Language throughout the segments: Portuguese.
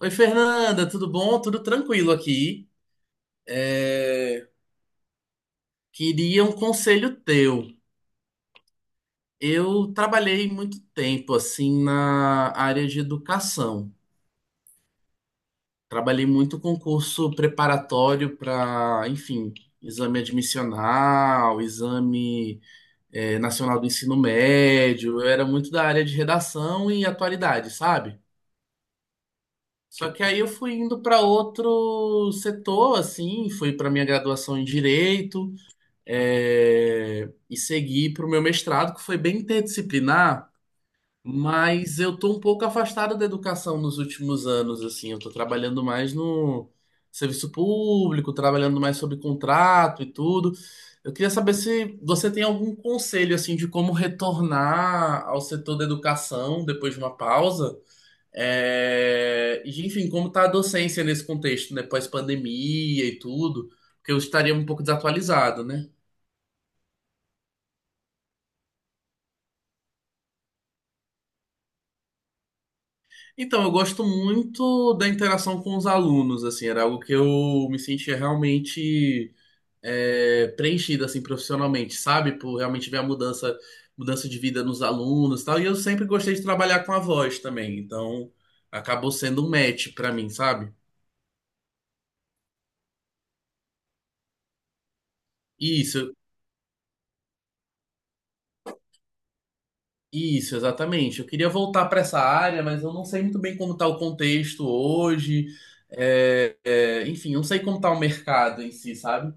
Oi, Fernanda, tudo bom? Tudo tranquilo aqui. É, Queria um conselho teu. Eu trabalhei muito tempo assim na área de educação. Trabalhei muito com curso preparatório para, enfim, exame admissional, exame nacional do ensino médio. Eu era muito da área de redação e atualidade, sabe? Só que aí eu fui indo para outro setor, assim, fui para minha graduação em direito. E seguir para o meu mestrado, que foi bem interdisciplinar, mas eu tô um pouco afastado da educação nos últimos anos, assim, eu tô trabalhando mais no serviço público, trabalhando mais sobre contrato e tudo. Eu queria saber se você tem algum conselho, assim, de como retornar ao setor da educação depois de uma pausa. E, enfim, como tá a docência nesse contexto, né, pós-pandemia e tudo, porque eu estaria um pouco desatualizado, né? Então, eu gosto muito da interação com os alunos, assim, era algo que eu me sentia realmente preenchido, assim, profissionalmente, sabe? Por realmente ver a mudança, mudança de vida nos alunos e tal. E eu sempre gostei de trabalhar com a voz também, então acabou sendo um match pra mim, sabe? Isso, isso, exatamente. Eu queria voltar para essa área, mas eu não sei muito bem como tá o contexto hoje. Enfim, eu não sei como tá o mercado em si, sabe?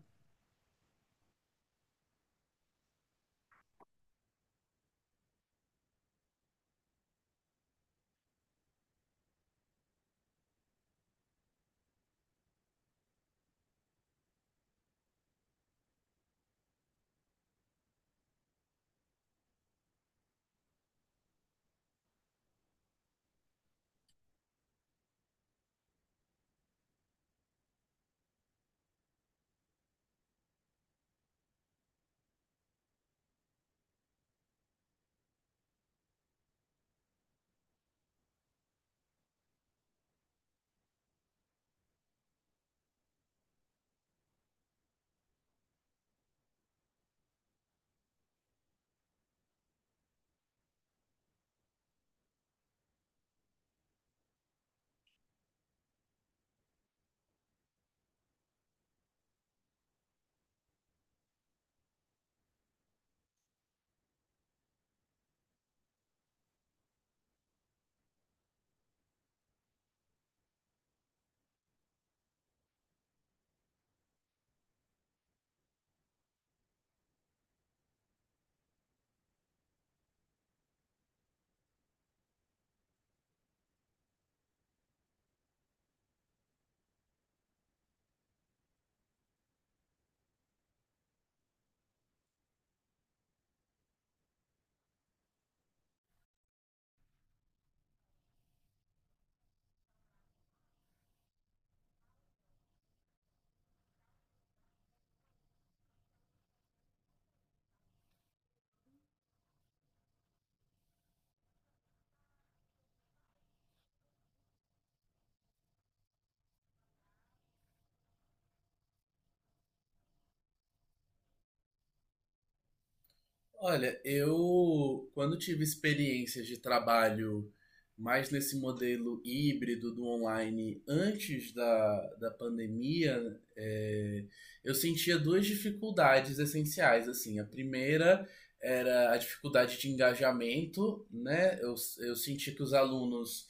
Olha, eu quando tive experiências de trabalho mais nesse modelo híbrido do online antes da pandemia, é, eu sentia duas dificuldades essenciais, assim. A primeira era a dificuldade de engajamento, né? Eu senti que os alunos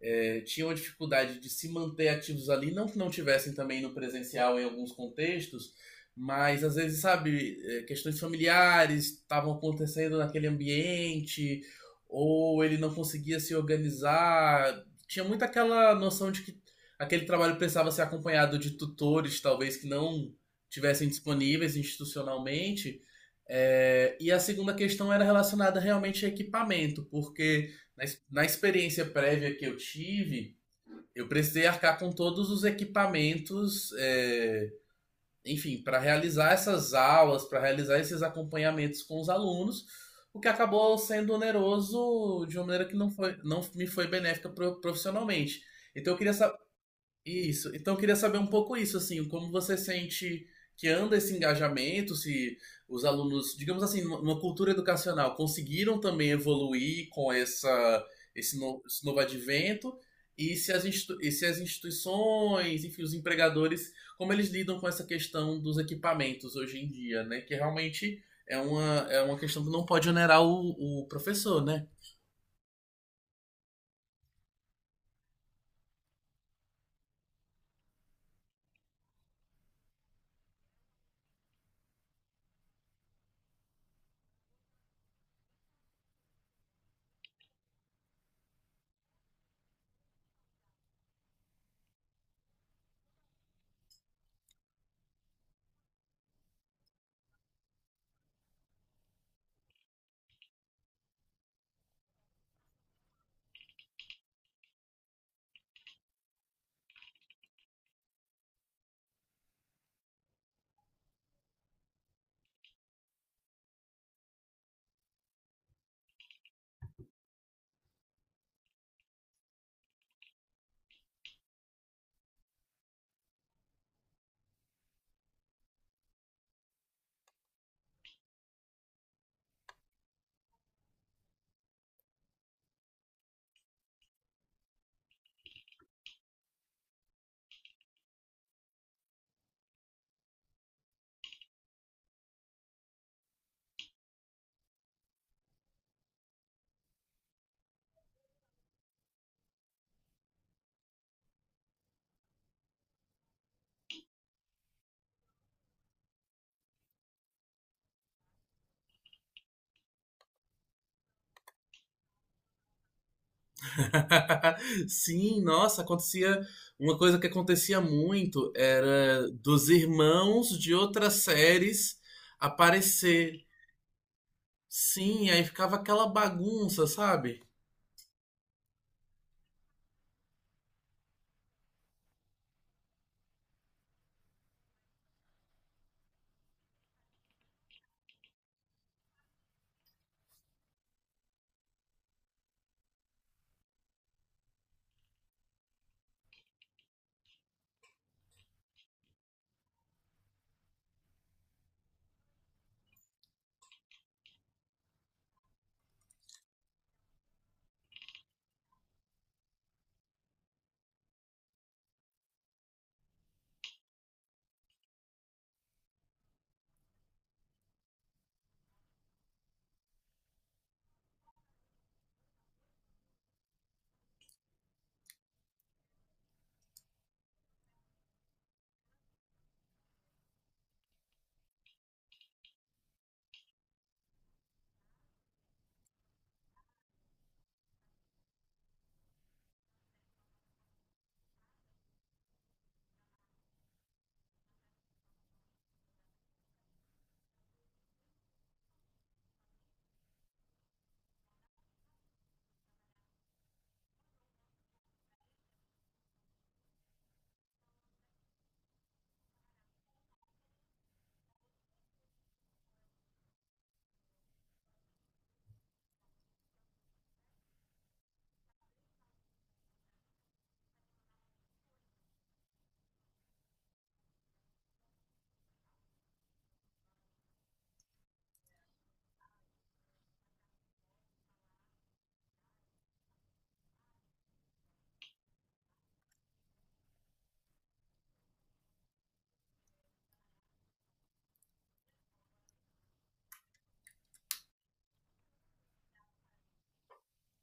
tinham a dificuldade de se manter ativos ali, não que não tivessem também no presencial em alguns contextos, mas às vezes, sabe, questões familiares estavam acontecendo naquele ambiente, ou ele não conseguia se organizar. Tinha muito aquela noção de que aquele trabalho precisava ser acompanhado de tutores, talvez que não tivessem disponíveis institucionalmente. E a segunda questão era relacionada realmente a equipamento, porque na experiência prévia que eu tive, eu precisei arcar com todos os equipamentos. Enfim, para realizar essas aulas, para realizar esses acompanhamentos com os alunos, o que acabou sendo oneroso de uma maneira que não, foi, não me foi benéfica profissionalmente. Então eu queria isso. Então eu queria saber um pouco isso, assim, como você sente que anda esse engajamento, se os alunos, digamos assim, numa cultura educacional, conseguiram também evoluir com essa, esse novo advento, e se as, institu- e se as instituições, enfim, os empregadores, como eles lidam com essa questão dos equipamentos hoje em dia, né? Que realmente é uma questão que não pode onerar o professor, né? Sim, nossa, acontecia. Uma coisa que acontecia muito era dos irmãos de outras séries aparecer. Sim, aí ficava aquela bagunça, sabe?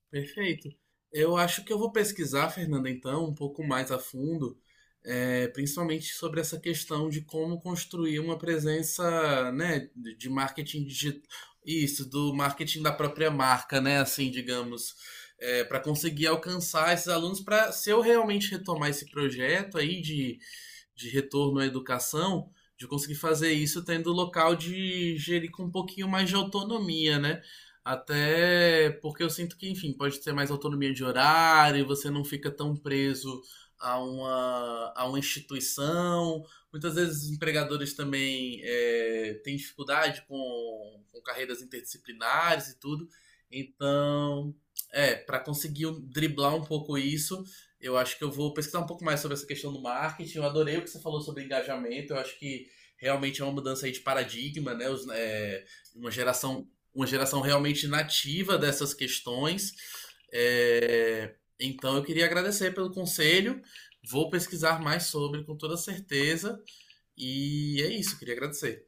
Perfeito. Eu acho que eu vou pesquisar, Fernanda, então, um pouco mais a fundo, principalmente sobre essa questão de como construir uma presença, né, de marketing digital, isso, do marketing da própria marca, né, assim, digamos, para conseguir alcançar esses alunos, para se eu realmente retomar esse projeto aí de retorno à educação, de conseguir fazer isso tendo o local de gerir com um pouquinho mais de autonomia, né? Até porque eu sinto que, enfim, pode ter mais autonomia de horário, você não fica tão preso a uma instituição. Muitas vezes os empregadores também têm dificuldade com carreiras interdisciplinares e tudo. Então, para conseguir um, driblar um pouco isso, eu acho que eu vou pesquisar um pouco mais sobre essa questão do marketing. Eu adorei o que você falou sobre engajamento. Eu acho que realmente é uma mudança aí de paradigma, né? Uma geração uma geração realmente nativa dessas questões. Então eu queria agradecer pelo conselho. Vou pesquisar mais sobre com toda certeza. E é isso, queria agradecer.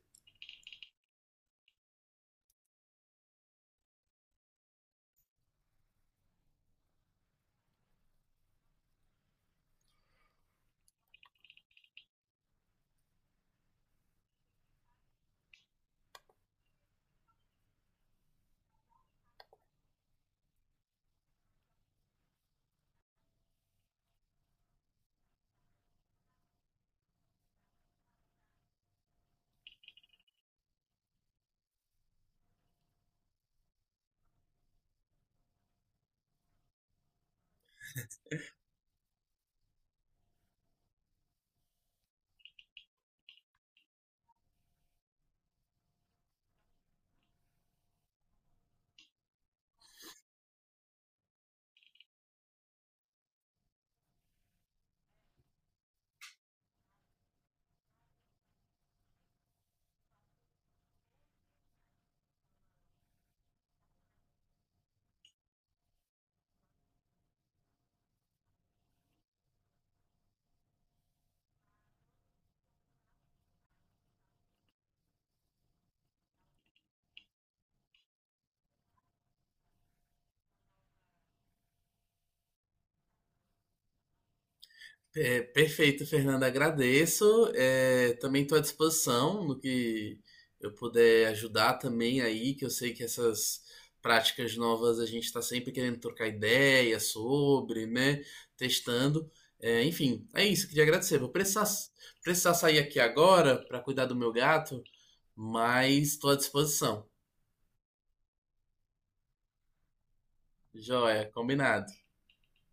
Perfeito, Fernanda. Agradeço. Também estou à disposição no que eu puder ajudar também aí, que eu sei que essas práticas novas a gente está sempre querendo trocar ideia sobre, né? Testando. Enfim, é isso. Queria agradecer. Precisar sair aqui agora para cuidar do meu gato, mas estou à disposição. Joia, combinado.